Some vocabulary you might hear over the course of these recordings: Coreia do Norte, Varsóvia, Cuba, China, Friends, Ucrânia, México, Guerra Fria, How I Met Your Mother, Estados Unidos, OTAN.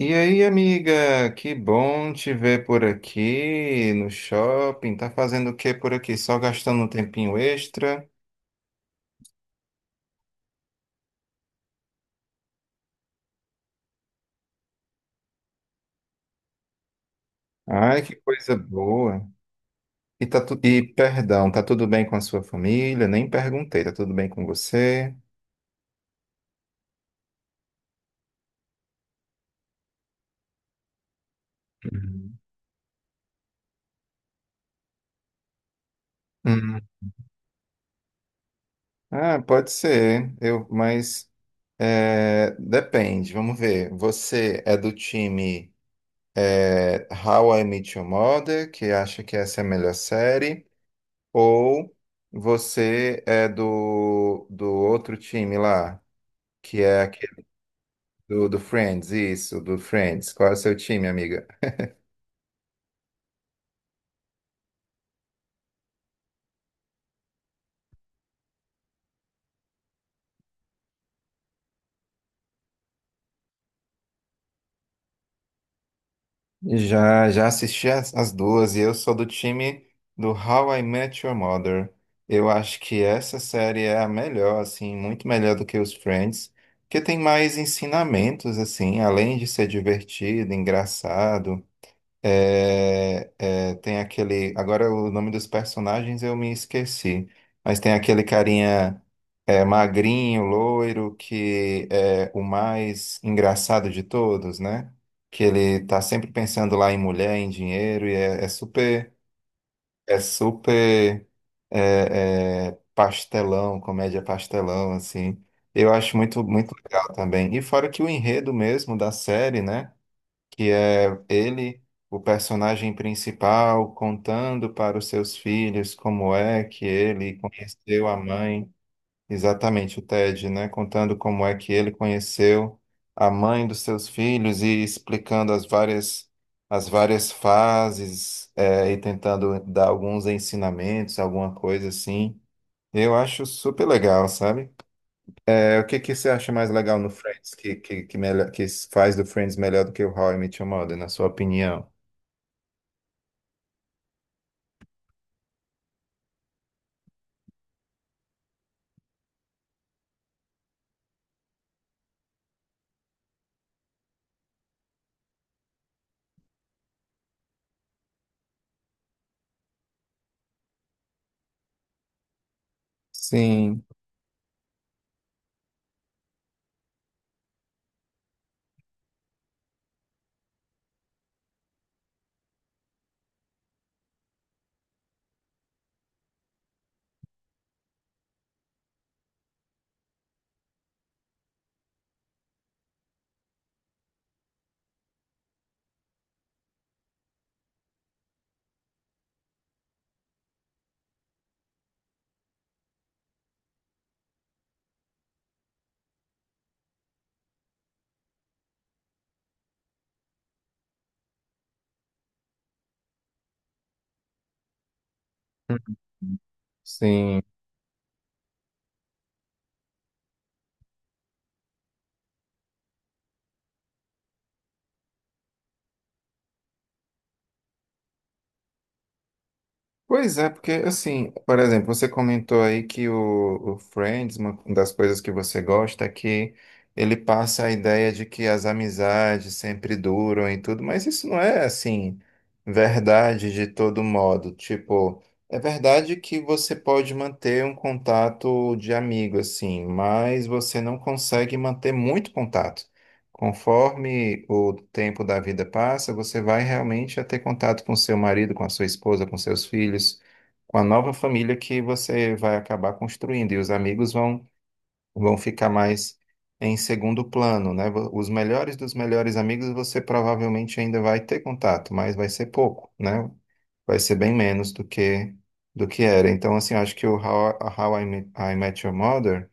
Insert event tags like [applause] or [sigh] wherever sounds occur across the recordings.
E aí, amiga, que bom te ver por aqui no shopping. Tá fazendo o que por aqui? Só gastando um tempinho extra? Ai, que coisa boa. E perdão, tá tudo bem com a sua família? Nem perguntei, tá tudo bem com você? Uhum. Hum. Ah, pode ser. Mas depende. Vamos ver. Você é do time How I Met Your Mother, que acha que essa é a melhor série? Ou você é do outro time lá, que é aquele do Friends, isso, do Friends. Qual é o seu time, amiga? Já assisti as duas e eu sou do time do How I Met Your Mother. Eu acho que essa série é a melhor, assim, muito melhor do que os Friends, porque tem mais ensinamentos, assim, além de ser divertido, engraçado. Tem aquele. Agora o nome dos personagens eu me esqueci. Mas tem aquele carinha magrinho, loiro, que é o mais engraçado de todos, né? Que ele tá sempre pensando lá em mulher, em dinheiro, e é super, é super pastelão, comédia pastelão, assim. Eu acho muito, muito legal também. E fora que o enredo mesmo da série, né? Que é ele, o personagem principal, contando para os seus filhos como é que ele conheceu a mãe, exatamente o Ted, né? Contando como é que ele conheceu a mãe dos seus filhos e explicando as várias fases, e tentando dar alguns ensinamentos, alguma coisa assim. Eu acho super legal, sabe? O que que você acha mais legal no Friends, que, melhor, que faz do Friends melhor do que o How I Met Your Mother, na sua opinião? Sim, uhum, sim. Pois é, porque assim, por exemplo, você comentou aí que o Friends, uma das coisas que você gosta é que ele passa a ideia de que as amizades sempre duram e tudo, mas isso não é assim verdade de todo modo. Tipo, é verdade que você pode manter um contato de amigo assim, mas você não consegue manter muito contato. Conforme o tempo da vida passa, você vai realmente a ter contato com seu marido, com a sua esposa, com seus filhos, com a nova família que você vai acabar construindo. E os amigos vão ficar mais em segundo plano, né? Os melhores dos melhores amigos você provavelmente ainda vai ter contato, mas vai ser pouco, né? Vai ser bem menos do que era. Então, assim, acho que o I Met Your Mother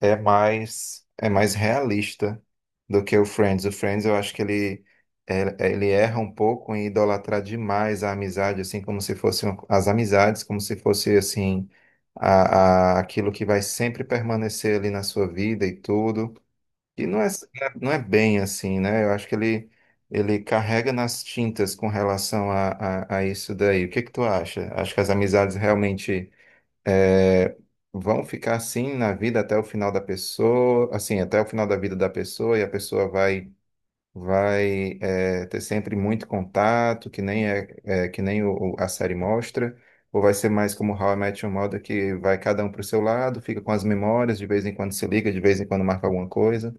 é mais realista do que o Friends. O Friends eu acho que ele ele erra um pouco em idolatrar demais a amizade, assim como se fossem as amizades, como se fosse assim a, aquilo que vai sempre permanecer ali na sua vida e tudo. E não é bem assim, né? Eu acho que ele carrega nas tintas com relação a isso daí. O que que tu acha? Acho que as amizades realmente é, vão ficar assim na vida até o final da pessoa, assim, até o final da vida da pessoa, e a pessoa vai ter sempre muito contato, que nem a série mostra, ou vai ser mais como How I Met Your Mother, que vai cada um para o seu lado, fica com as memórias, de vez em quando se liga, de vez em quando marca alguma coisa.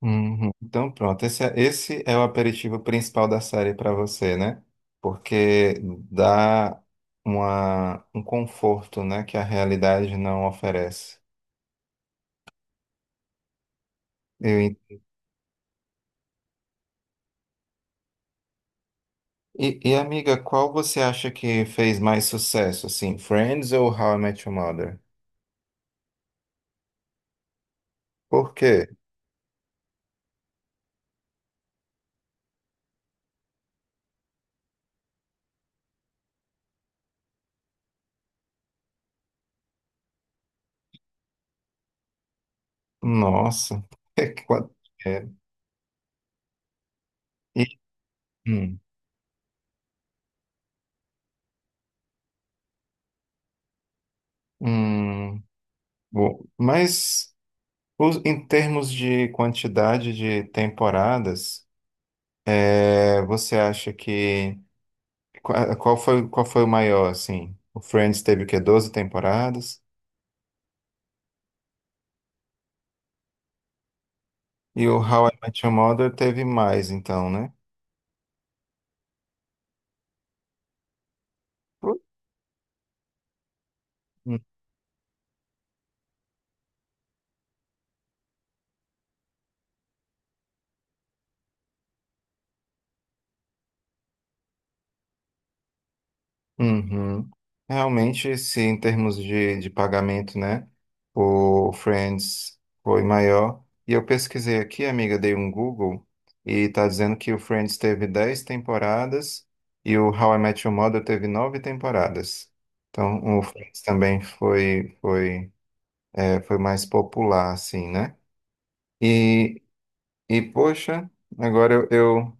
Uhum. Então, pronto, esse é o aperitivo principal da série para você, né? Porque dá um conforto, né, que a realidade não oferece. Eu en- e, amiga, qual você acha que fez mais sucesso, assim, Friends ou How I Met Your Mother? Por quê? Nossa. [laughs] Qual- é, e- hum, hum, bom, mas em termos de quantidade de temporadas. Você acha que qual foi o maior assim? O Friends teve o quê? 12 temporadas e o How I Met Your Mother teve mais, então, né? Pô, uhum. Realmente, se em termos de pagamento, né? O Friends foi maior. E eu pesquisei aqui, amiga, dei um Google e tá dizendo que o Friends teve 10 temporadas e o How I Met Your Mother teve 9 temporadas. Então, o Friends também foi. É, foi mais popular, assim, né? E, e poxa, agora eu,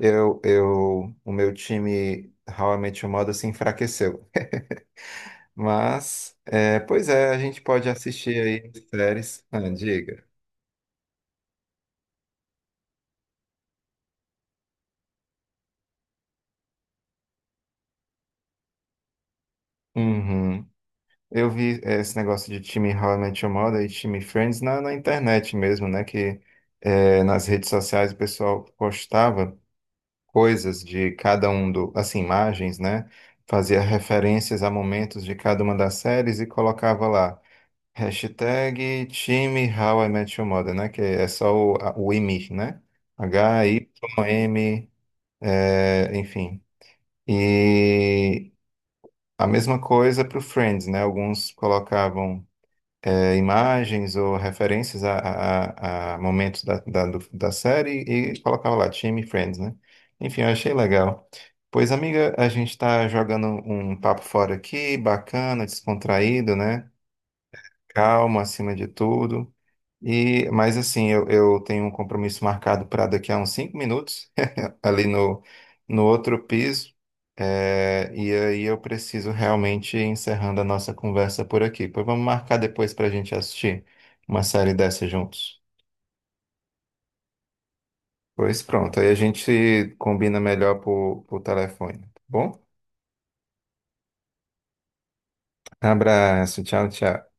eu, eu, eu- o meu time How I Met Your Mother se enfraqueceu. [laughs] Mas, pois é, a gente pode assistir aí as séries. Ah, diga. Uhum. Eu vi esse negócio de time How I Met Your Mother e time Friends na internet mesmo, né? Que nas redes sociais o pessoal postava coisas de cada um do, assim, imagens, né? Fazia referências a momentos de cada uma das séries e colocava lá hashtag time How I Met Your Mother, né? Que é só o, o IMI, né? HYM, enfim. E a mesma coisa para o Friends, né? Alguns colocavam imagens ou referências a, a momentos da série e colocava lá, Time Friends, né? Enfim, eu achei legal. Pois, amiga, a gente está jogando um papo fora aqui, bacana, descontraído, né? Calma acima de tudo. Mas assim, eu tenho um compromisso marcado para daqui a uns 5 minutos ali no outro piso. E aí eu preciso realmente ir encerrando a nossa conversa por aqui. Pois vamos marcar depois para a gente assistir uma série dessa juntos. Pois pronto, aí a gente combina melhor por telefone, tá bom? Abraço, tchau, tchau.